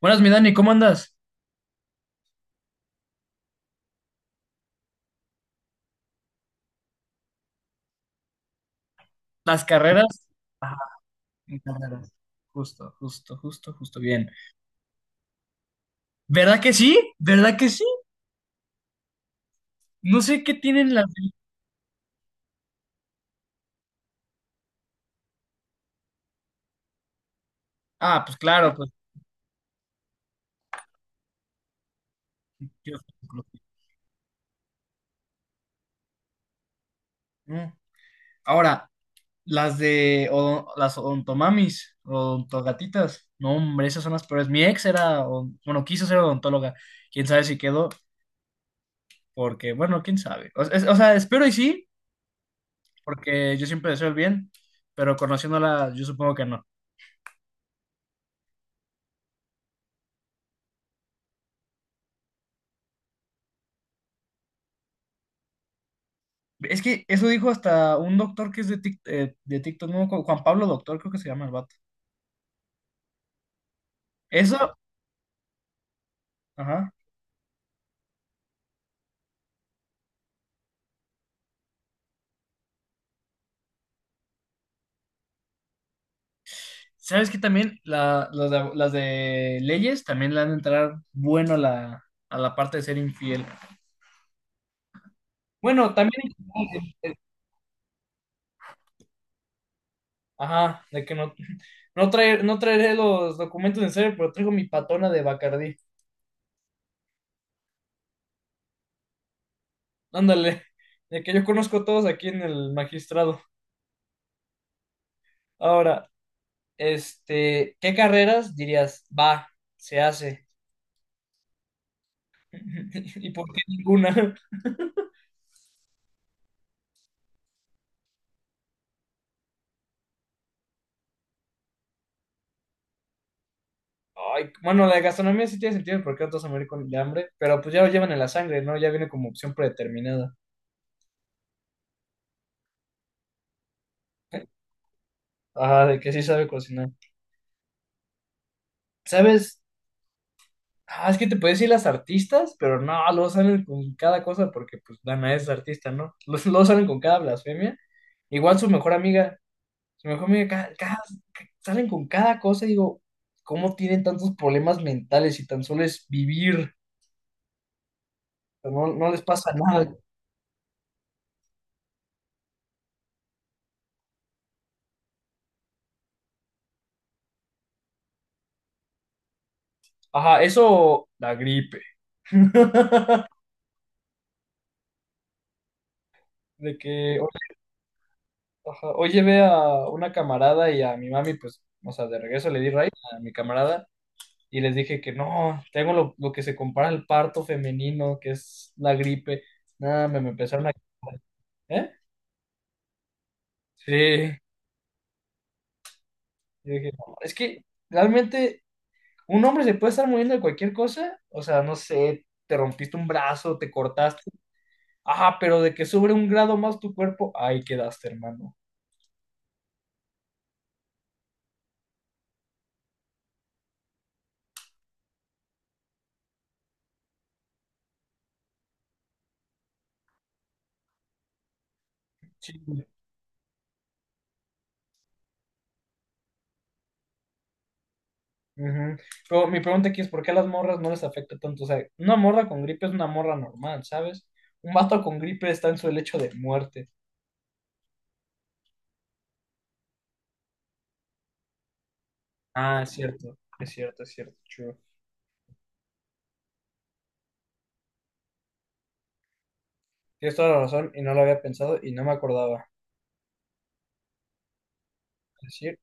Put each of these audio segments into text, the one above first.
Buenas, mi Dani, ¿cómo andas? Las carreras. Ajá, en carreras. Justo, justo, justo, justo, bien. ¿Verdad que sí? ¿Verdad que sí? No sé qué tienen las. Ah, pues claro, pues. Soy inclusivo. Mm. Ahora, las odontomamis, odontogatitas. No, hombre, esas son las peores. Mi ex era. Odon- Bueno, quiso ser odontóloga. Quién sabe si quedó, porque, bueno, quién sabe. O sea, espero y sí, porque yo siempre deseo el bien, pero conociéndola, yo supongo que no. Es que eso dijo hasta un doctor que es de de TikTok, no, Juan Pablo Doctor, creo que se llama el vato. Eso, ajá. ¿Sabes que también las de leyes también le han de entrar bueno a la parte de ser infiel? Bueno, también, ajá, de que no, no traeré los documentos en serio, pero traigo mi patona de Bacardí. Ándale, de que yo conozco a todos aquí en el magistrado. Ahora, ¿qué carreras dirías? Va, se hace. ¿Y por qué ninguna? Ay, bueno, la de gastronomía sí tiene sentido porque otros se mueren con de hambre, pero pues ya lo llevan en la sangre, ¿no? Ya viene como opción predeterminada. Ah, de que sí sabe cocinar. ¿Sabes? Ah, es que te puedes decir las artistas, pero no, luego salen con cada cosa porque pues Dana es artista, ¿no? Luego salen con cada blasfemia. Igual su mejor amiga, salen con cada cosa y digo, ¿cómo tienen tantos problemas mentales y tan solo es vivir? O sea, no, no les pasa nada. Ajá, eso, la gripe. De que, oye, ajá, hoy llevé a una camarada y a mi mami, pues, o sea, de regreso le di raíz a mi camarada y les dije que no, tengo lo que se compara al parto femenino, que es la gripe. Nada, me empezaron a... ¿Eh? Sí. Yo dije: "No, es que realmente un hombre se puede estar muriendo de cualquier cosa, o sea, no sé, te rompiste un brazo, te cortaste, ah, pero de que sube un grado más tu cuerpo, ahí quedaste, hermano. Sí, ujú. Pero mi pregunta aquí es, ¿por qué a las morras no les afecta tanto? O sea, una morra con gripe es una morra normal, ¿sabes? Un vato con gripe está en su lecho de muerte. Ah, es cierto, es cierto, es cierto, true. Tienes toda la razón y no lo había pensado y no me acordaba. Es decir,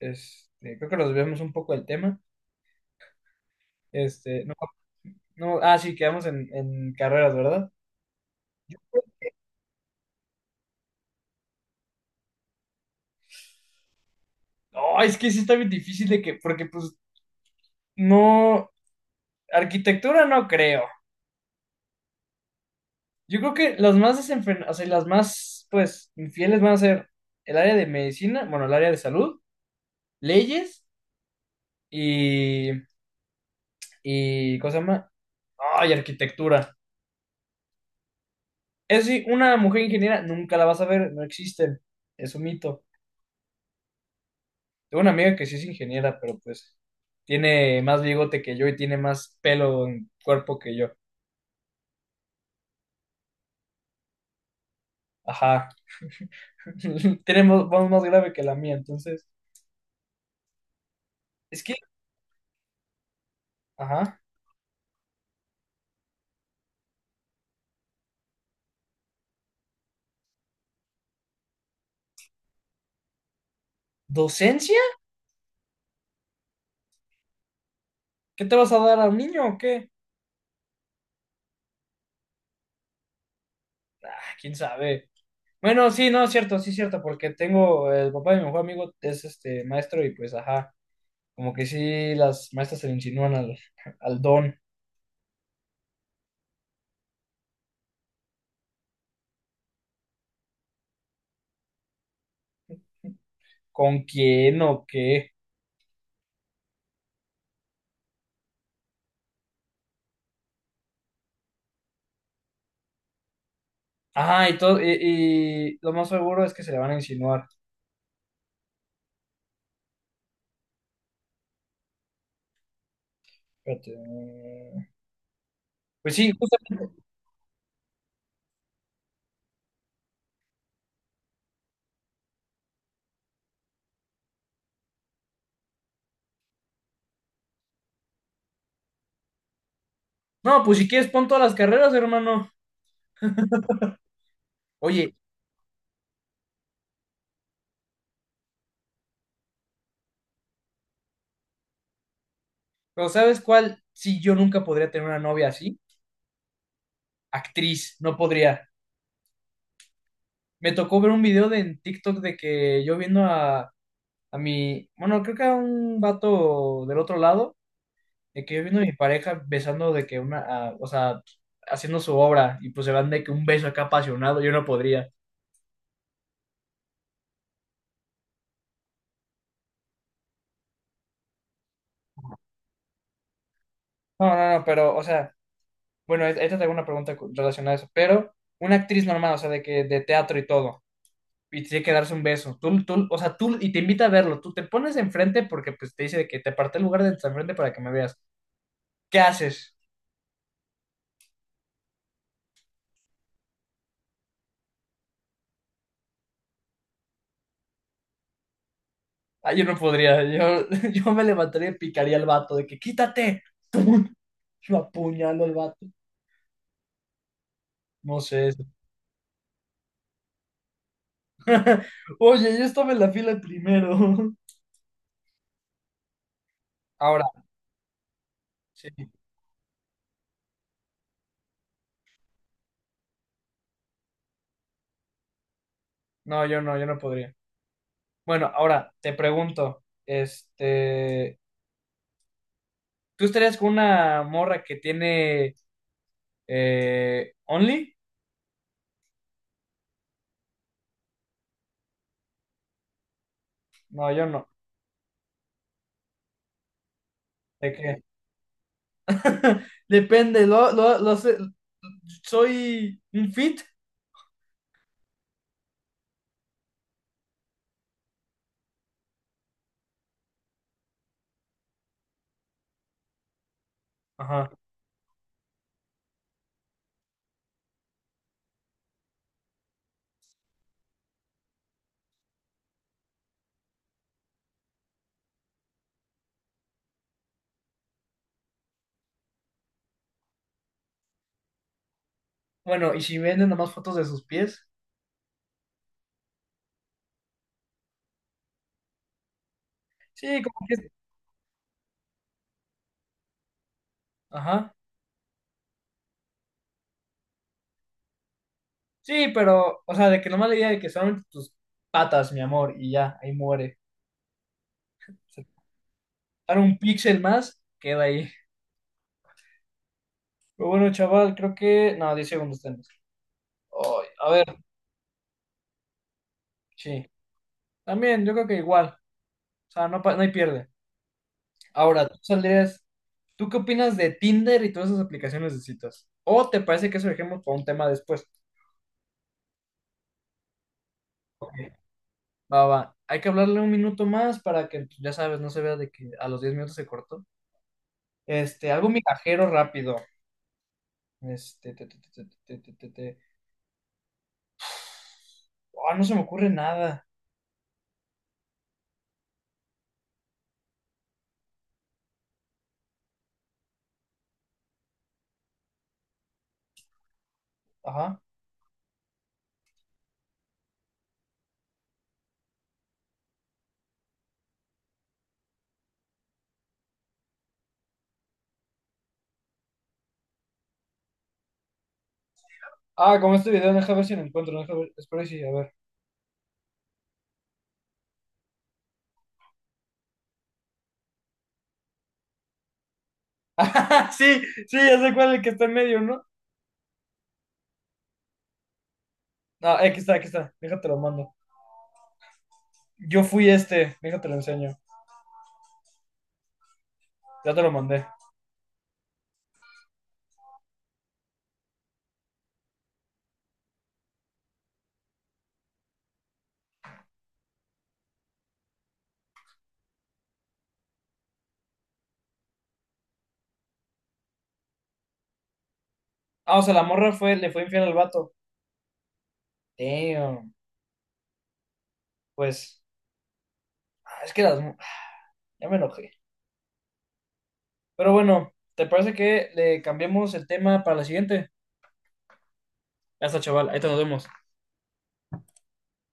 creo que nos desviamos un poco del tema. Este, no, no, ah, sí, quedamos en carreras, ¿verdad? No, es que sí está bien difícil de que, porque pues no, arquitectura no creo. Yo creo que las más desenfrenadas, o sea, las más, pues, infieles van a ser el área de medicina, bueno, el área de salud, leyes y, y ¿cómo se llama? Ay, arquitectura. Eso sí, una mujer ingeniera nunca la vas a ver, no existen, es un mito. Tengo una amiga que sí es ingeniera, pero pues tiene más bigote que yo y tiene más pelo en cuerpo que yo. Ajá. Tenemos voz más grave que la mía, entonces. Es que, ajá. ¿Docencia? ¿Qué te vas a dar a un niño o qué? Ah, quién sabe. Bueno, sí, no, es cierto, sí, es cierto, porque tengo el papá de mi mejor amigo, es este maestro, y pues, ajá, como que sí, las maestras se le insinúan al don, con quién o qué. Ajá, y todo, y lo más seguro es que se le van a insinuar. Espérate. Pues sí, justamente. No, pues si quieres, pon todas las carreras, hermano. Oye, pero ¿sabes cuál? Sí, yo nunca podría tener una novia así. Actriz, no podría. Me tocó ver un video de, en TikTok de que yo viendo a mi, bueno, creo que a un vato del otro lado, de que yo viendo a mi pareja besando de que una, o sea, haciendo su obra y pues se van de que un beso acá apasionado, yo no podría. No, no, no, pero, o sea, bueno, ahí te tengo una pregunta relacionada a eso, pero una actriz normal, o sea, de que de teatro y todo, y tiene que darse un beso, o sea, tú, y te invita a verlo, tú te pones enfrente porque pues te dice de que te aparté el lugar de enfrente para que me veas, ¿qué haces? Ah, yo no podría. Yo, yo me levantaría y picaría al vato de que quítate. ¡Pum! Lo apuñalo al vato. No sé. Oye, yo estaba en la fila primero. Ahora, sí. No, yo no, yo no podría. Bueno, ahora te pregunto, ¿tú estarías con una morra que tiene Only? No, yo no. ¿De qué? Depende, soy un fit. Ajá. Bueno, y si venden nomás fotos de sus pies. Sí, como que... Ajá. Sí, pero, o sea, de que nomás le diga de que solamente tus patas, mi amor, y ya, ahí muere. O dar un píxel más, queda ahí. Pero bueno, chaval, creo que... No, 10 segundos tenemos. Ay, a ver, sí. También, yo creo que igual. O sea, no, no hay pierde. Ahora, tú saldrías... ¿Tú qué opinas de Tinder y todas esas aplicaciones de citas? ¿O te parece que eso dejemos para un tema después? Ok, va, va. Hay que hablarle 1 minuto más para que, ya sabes, no se vea de que a los 10 minutos se cortó. Algo migajero rápido. Este, te, te, te, te, te, te, te. Ah, no se me ocurre nada. Ajá. Ah, como este video, deja ver si lo encuentro. Deja ver, espero y sí, a ver. Sí, sí, ya sé cuál es el que está en medio, ¿no? Ah, aquí está, aquí está. Déjate lo mando. Yo fui déjate lo enseño. Ya te lo mandé. Ah, o sea, le fue infiel al vato. Damn. Pues, ah, es que las. Mu- ah, ya me enojé. Pero bueno, ¿te parece que le cambiemos el tema para la siguiente? Ya está, chaval. Ahí te nos vemos.